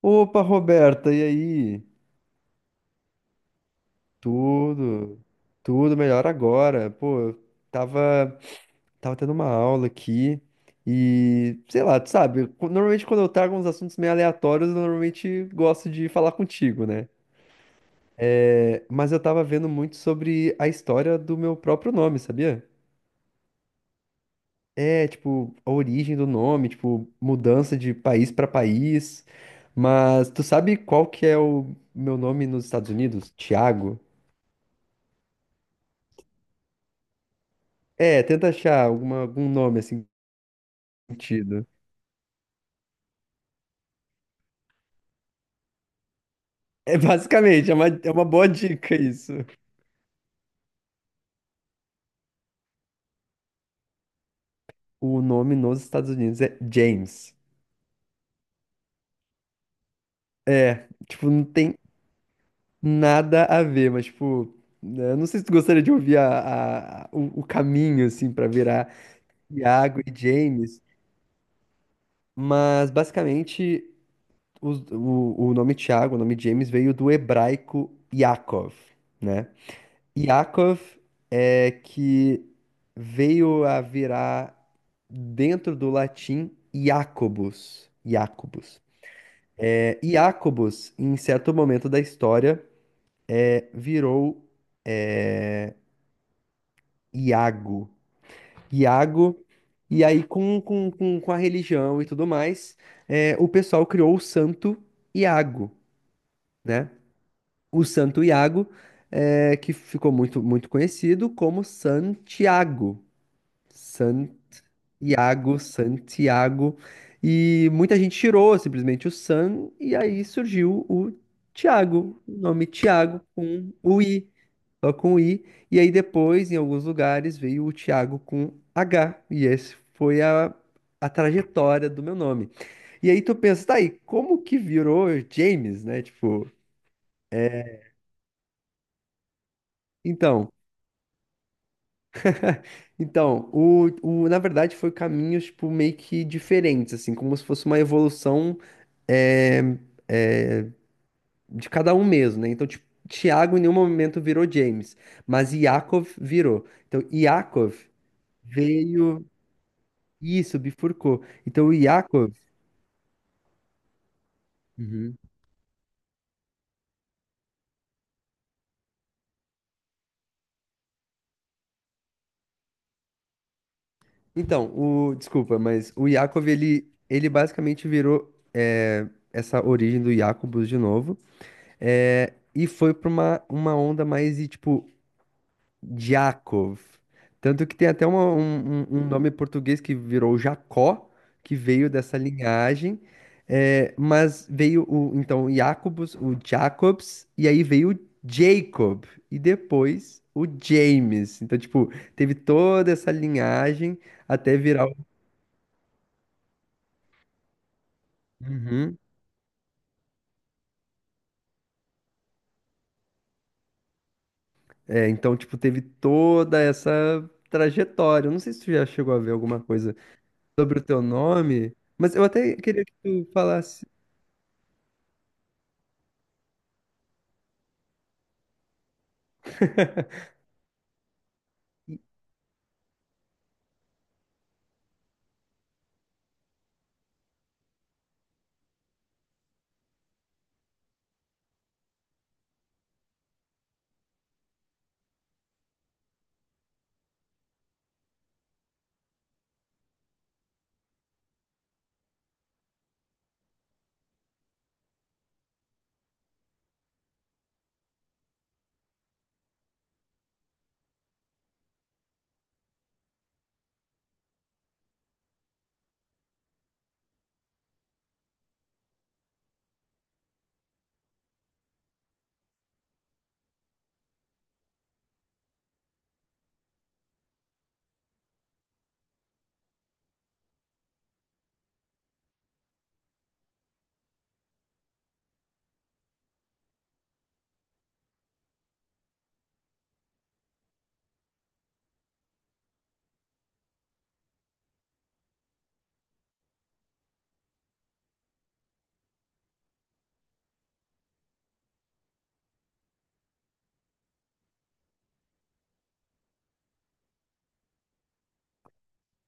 Opa, Roberta, e aí? Tudo, tudo melhor agora. Pô, tava, tava tendo uma aula aqui e, sei lá, tu sabe, normalmente quando eu trago uns assuntos meio aleatórios, eu normalmente gosto de falar contigo, né? É, mas eu tava vendo muito sobre a história do meu próprio nome, sabia? É, tipo, a origem do nome, tipo, mudança de país pra país. Mas tu sabe qual que é o meu nome nos Estados Unidos? Tiago? É, tenta achar alguma, algum nome assim, sentido. É uma boa dica isso. O nome nos Estados Unidos é James. É, tipo, não tem nada a ver, mas tipo, né, eu não sei se tu gostaria de ouvir o caminho, assim, pra virar Iago e James, mas basicamente o nome Tiago, o nome James veio do hebraico Yaakov, né? Yaakov é que veio a virar dentro do latim Jacobus. Jacobus. É, Jacobus, em certo momento da história, é, virou é, Iago. Iago, e aí com a religião e tudo mais, é, o pessoal criou o Santo Iago, né? O Santo Iago, é, que ficou muito, muito conhecido como Santiago. Iago, Santiago, e muita gente tirou simplesmente o San, e aí surgiu o Tiago, o nome Tiago com o I, só com o I, e aí depois, em alguns lugares, veio o Tiago com H, e esse foi a trajetória do meu nome. E aí tu pensa, tá aí, como que virou James, né? Tipo, então. Então, na verdade, foi caminhos, tipo, meio que diferentes, assim, como se fosse uma evolução é, de cada um mesmo, né? Então, tipo, Tiago em nenhum momento virou James, mas Iakov virou. Então, Iakov veio. Isso, bifurcou. Então, o Iakov. Uhum. Então, o. Desculpa, mas o Iakov, ele basicamente virou é, essa origem do Jacobus de novo. É, e foi pra uma onda mais, e, tipo, Jacov. Tanto que tem até um nome português que virou Jacó, que veio dessa linhagem. É, mas veio o, então, o Jacobus, o Jacobs, e aí veio o Jacob, e depois o James. Então, tipo, teve toda essa linhagem até virar o. Uhum. É, então, tipo, teve toda essa trajetória. Eu não sei se tu já chegou a ver alguma coisa sobre o teu nome, mas eu até queria que tu falasse.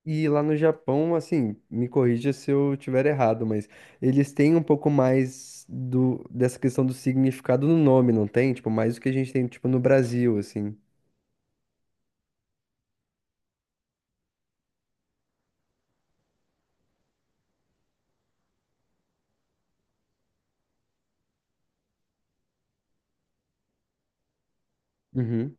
E lá no Japão, assim, me corrija se eu tiver errado, mas eles têm um pouco mais do, dessa questão do significado no nome, não tem? Tipo, mais do que a gente tem, tipo, no Brasil, assim. Uhum,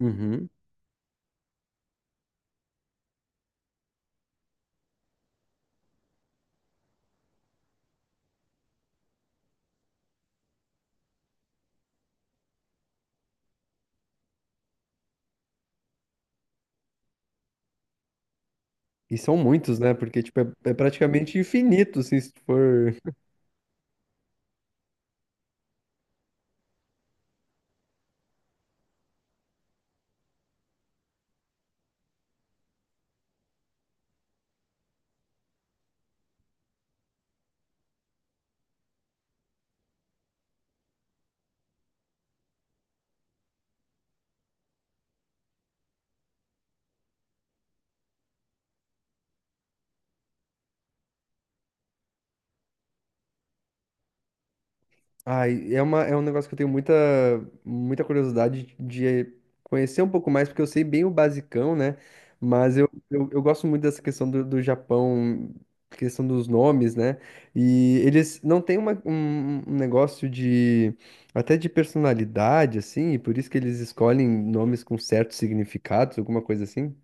uhum. E são muitos, né? Porque, tipo, é, é praticamente infinito, assim, se tu for. Ai, é uma, é um negócio que eu tenho muita, muita curiosidade de conhecer um pouco mais, porque eu sei bem o basicão, né? Mas eu gosto muito dessa questão do, do Japão, questão dos nomes, né? E eles não têm um negócio de, até de personalidade, assim, e por isso que eles escolhem nomes com certos significados, alguma coisa assim.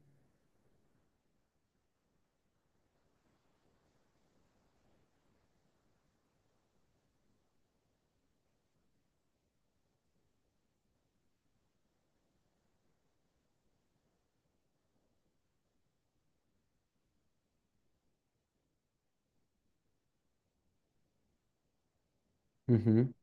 Uhum.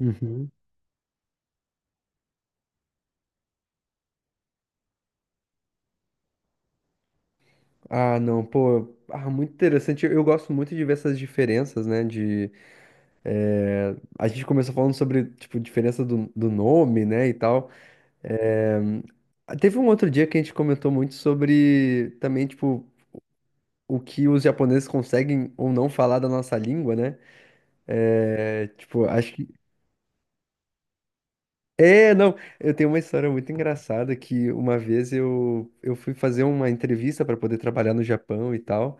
Uhum. Ah, não, pô, ah, muito interessante. Eu gosto muito de ver essas diferenças, né? É, a gente começou falando sobre, tipo, diferença do, do nome, né, e tal. É, teve um outro dia que a gente comentou muito sobre também, tipo, o que os japoneses conseguem ou não falar da nossa língua, né? É, tipo, acho que... É, não, eu tenho uma história muito engraçada que uma vez eu fui fazer uma entrevista para poder trabalhar no Japão e tal.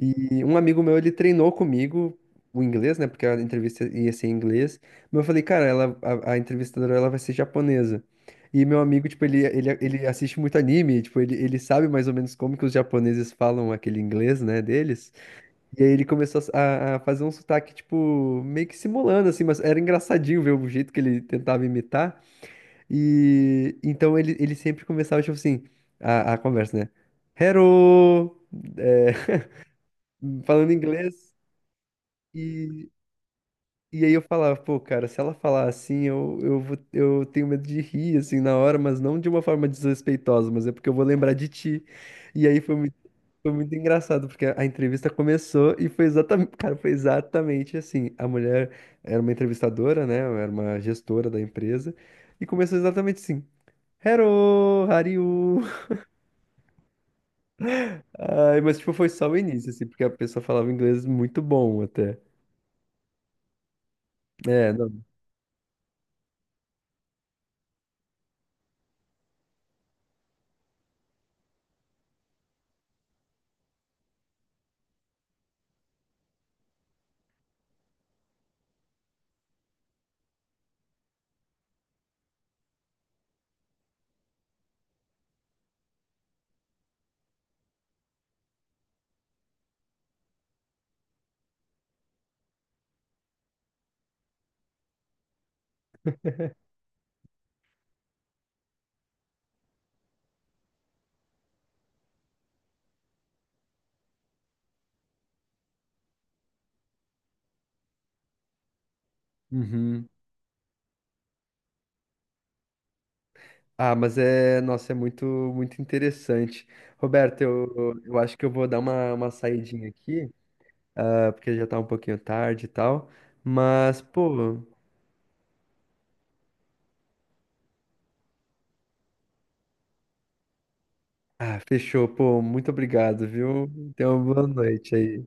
E um amigo meu, ele treinou comigo o inglês, né? Porque a entrevista ia ser em inglês. Mas eu falei, cara, ela, a entrevistadora, ela vai ser japonesa. E meu amigo, tipo, ele assiste muito anime, tipo, ele sabe mais ou menos como que os japoneses falam aquele inglês, né, deles. E aí ele começou a fazer um sotaque, tipo, meio que simulando, assim, mas era engraçadinho ver o jeito que ele tentava imitar. E então ele sempre começava, tipo assim, a conversa, né? Hello! É, falando inglês. E, e aí eu falava, pô, cara, se ela falar assim, vou- eu tenho medo de rir, assim, na hora, mas não de uma forma desrespeitosa, mas é porque eu vou lembrar de ti. E aí foi muito engraçado, porque a entrevista começou e foi exatamente, cara, foi exatamente assim. A mulher era uma entrevistadora, né? Era uma gestora da empresa, e começou exatamente assim. Hello, how are you? Ai, mas tipo, foi só o início, assim, porque a pessoa falava inglês muito bom até. É, não. Uhum. Ah, mas é, nossa, é muito, muito interessante. Roberto, eu acho que eu vou dar uma saidinha aqui, ah, porque já tá um pouquinho tarde e tal. Mas, pô, ah, fechou, pô, muito obrigado, viu? Tenha uma boa noite aí.